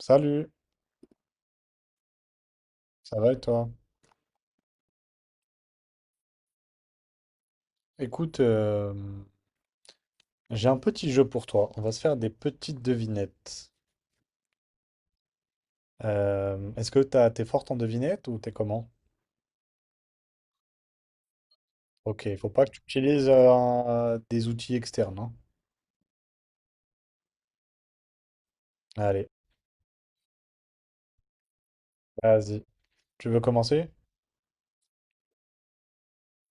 Salut, ça va et toi? Écoute, j'ai un petit jeu pour toi. On va se faire des petites devinettes. Est-ce que t'es forte en devinettes ou t'es comment? Ok, il faut pas que tu utilises des outils externes, hein. Allez, vas-y. Tu veux commencer?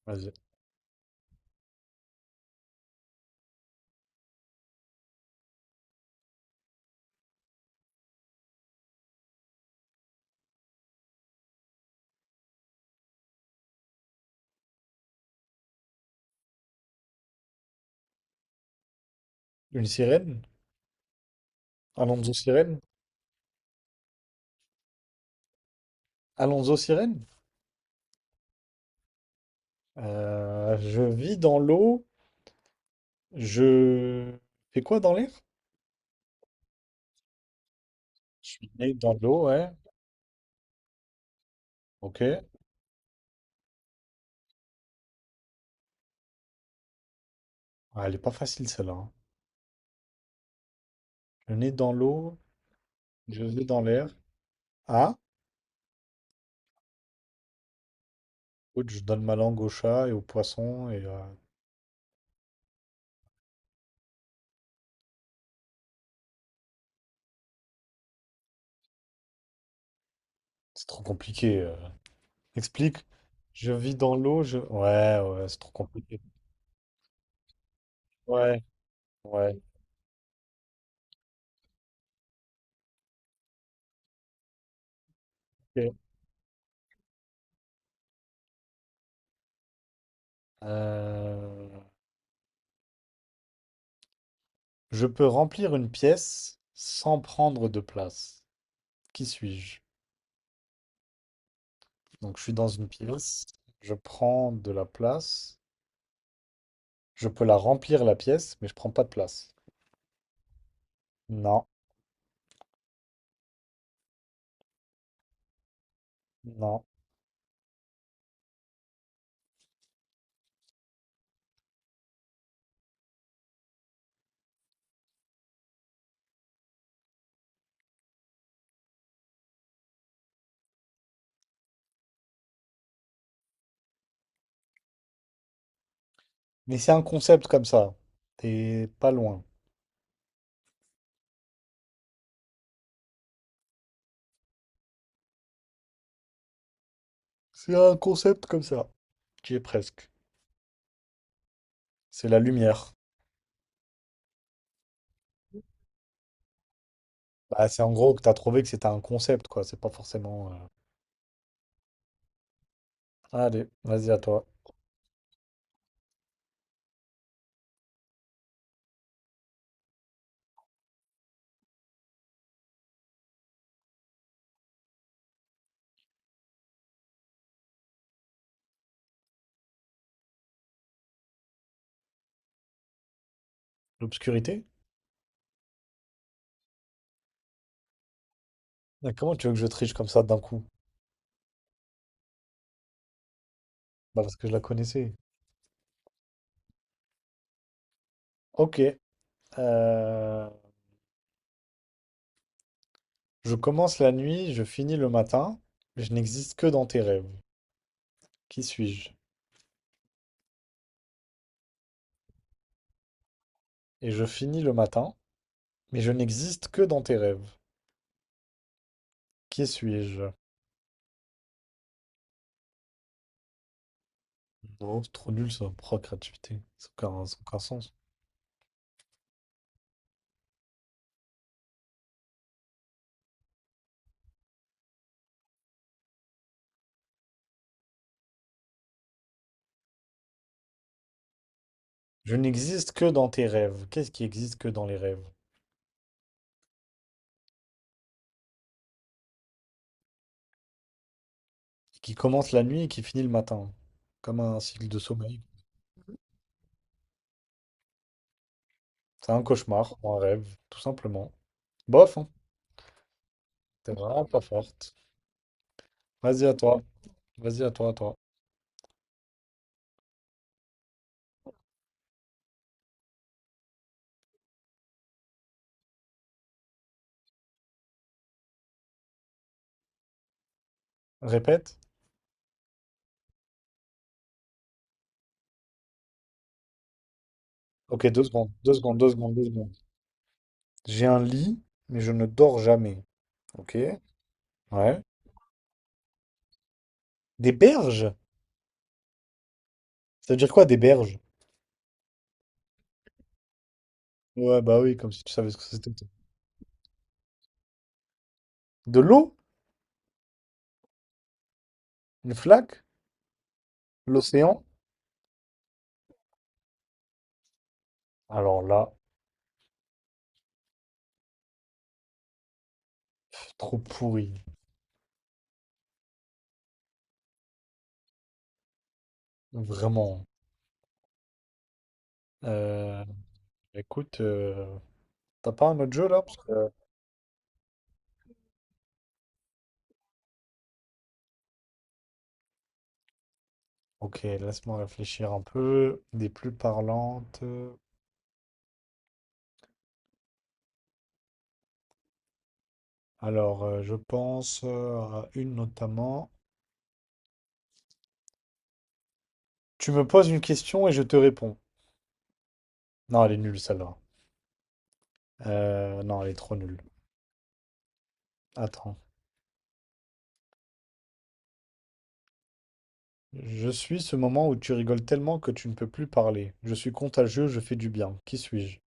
Vas-y. Une sirène? Alonso Sirène? Alonso Sirène? Je vis dans l'eau. Je fais quoi dans l'air? Je suis né dans l'eau, ouais. Ok. Ah, elle est pas facile celle-là, hein. Je suis né dans l'eau. Je vis dans l'air. Ah? Écoute, je donne ma langue au chat et au poisson. Et c'est trop compliqué. Explique. Je vis dans l'eau. Je. Ouais, ouais, c'est trop compliqué. Ouais, ouais. Ok. Euh, je peux remplir une pièce sans prendre de place. Qui suis-je? Donc je suis dans une pièce, je prends de la place, je peux la remplir la pièce, mais je prends pas de place. Non, non. Mais c'est un concept comme ça. T'es pas loin. C'est un concept comme ça. Tu y es presque. C'est la lumière. Bah, c'est en gros que t'as trouvé que c'était un concept, quoi. C'est pas forcément. Allez, vas-y à toi. L'obscurité? Ah, comment tu veux que je triche comme ça d'un coup? Bah, parce que je la connaissais. Ok. euh, Je commence la nuit, je finis le matin, je n'existe que dans tes rêves. Qui suis-je? Et je finis le matin, mais je n'existe que dans tes rêves. Qui suis-je? Non, c'est trop nul ça, procréativité, créativité. Ça n'a aucun sens. Je n'existe que dans tes rêves. Qu'est-ce qui existe que dans les rêves? Qui commence la nuit et qui finit le matin. Comme un cycle de sommeil. C'est un cauchemar ou un rêve, tout simplement. Bof, hein. T'es vraiment pas forte. Vas-y à toi. Vas-y à toi, à toi. Répète. Ok, deux secondes. Deux secondes, deux secondes, deux secondes. J'ai un lit, mais je ne dors jamais. Ok? Ouais. Des berges? Ça veut dire quoi, des berges? Ouais, bah oui, comme si tu savais ce que c'était. De l'eau? Une flaque? L'océan? Alors là, trop pourri. Vraiment. Euh, écoute, t'as pas un autre jeu là? Parce que- Ok, laisse-moi réfléchir un peu. Des plus parlantes. Alors, je pense à une notamment. Tu me poses une question et je te réponds. Non, elle est nulle celle-là. Non, elle est trop nulle. Attends. Je suis ce moment où tu rigoles tellement que tu ne peux plus parler. Je suis contagieux, je fais du bien. Qui suis-je?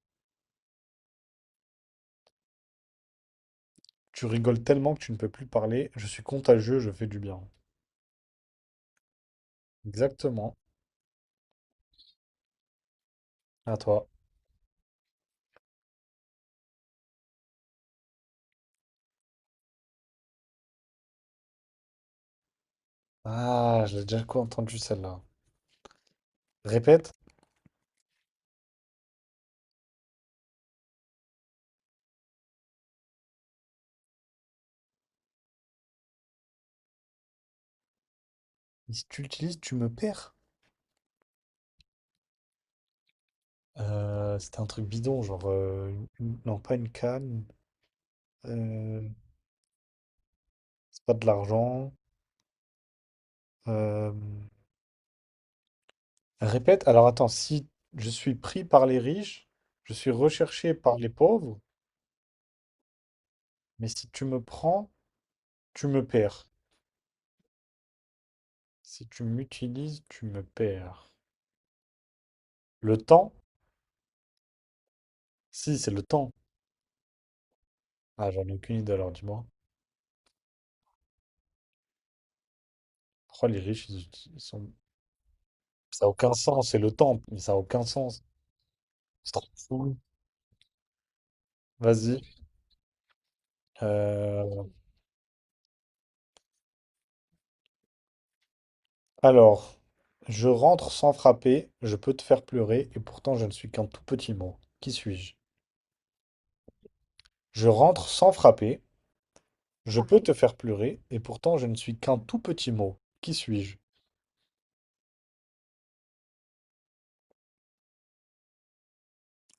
Tu rigoles tellement que tu ne peux plus parler. Je suis contagieux, je fais du bien. Exactement. À toi. Ah, je l'ai déjà entendu celle-là. Répète. Si tu l'utilises, tu me perds. C'était un truc bidon, genre... non, pas une canne. euh, c'est pas de l'argent. euh, Répète. Alors attends, si je suis pris par les riches, je suis recherché par les pauvres, mais si tu me prends... Tu me perds. Si tu m'utilises, tu me perds. Le temps? Si, c'est le temps. Ah, j'en ai aucune idée alors, dis-moi. Pourquoi les riches, ils sont... Ça n'a aucun sens, c'est le temps, mais ça n'a aucun sens. C'est trop fou. Vas-y. Euh, Alors, je rentre sans frapper, je peux te faire pleurer, et pourtant je ne suis qu'un tout petit mot. Qui suis-je? Je rentre sans frapper, je peux te faire pleurer, et pourtant je ne suis qu'un tout petit mot. Qui suis-je?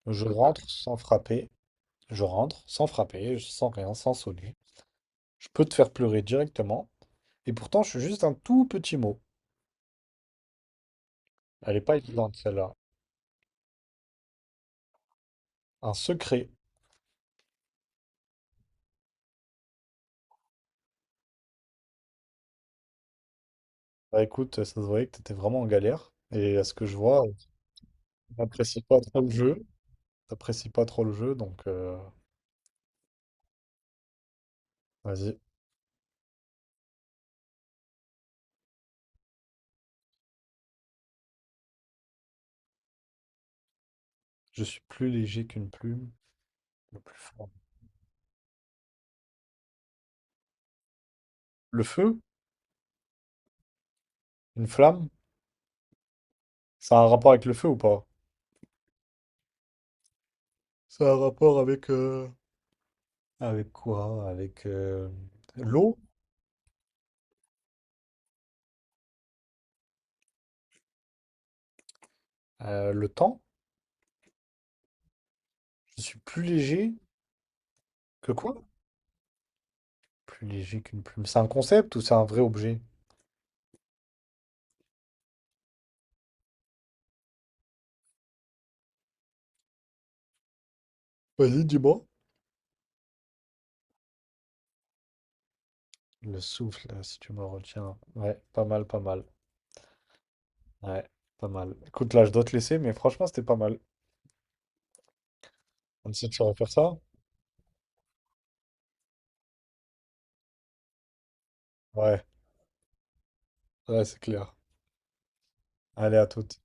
Je rentre sans frapper, je rentre, sans frapper, sans rien, sans sonner. Je peux te faire pleurer directement. Et pourtant, je suis juste un tout petit mot. Elle est pas évidente, celle-là. Un secret. Bah écoute, ça se voyait que t'étais vraiment en galère. Et à ce que je vois, tu n'apprécies pas trop le jeu. T'apprécies pas trop le jeu, donc vas-y. Je suis plus léger qu'une plume. Le plus fort. Le feu? Une flamme? Ça a un rapport avec le feu ou pas? Ça a un rapport avec... avec quoi? Avec l'eau? Le temps? Je suis plus léger que quoi? Plus léger qu'une plume. C'est un concept ou c'est un vrai objet? Vas-y, dis-moi. Le souffle, si tu me retiens. Ouais, pas mal, pas mal. Ouais, pas mal. Écoute, là, je dois te laisser, mais franchement, c'était pas mal. On essaie de se refaire ça? Ouais, ouais, c'est clair. Allez, à toutes.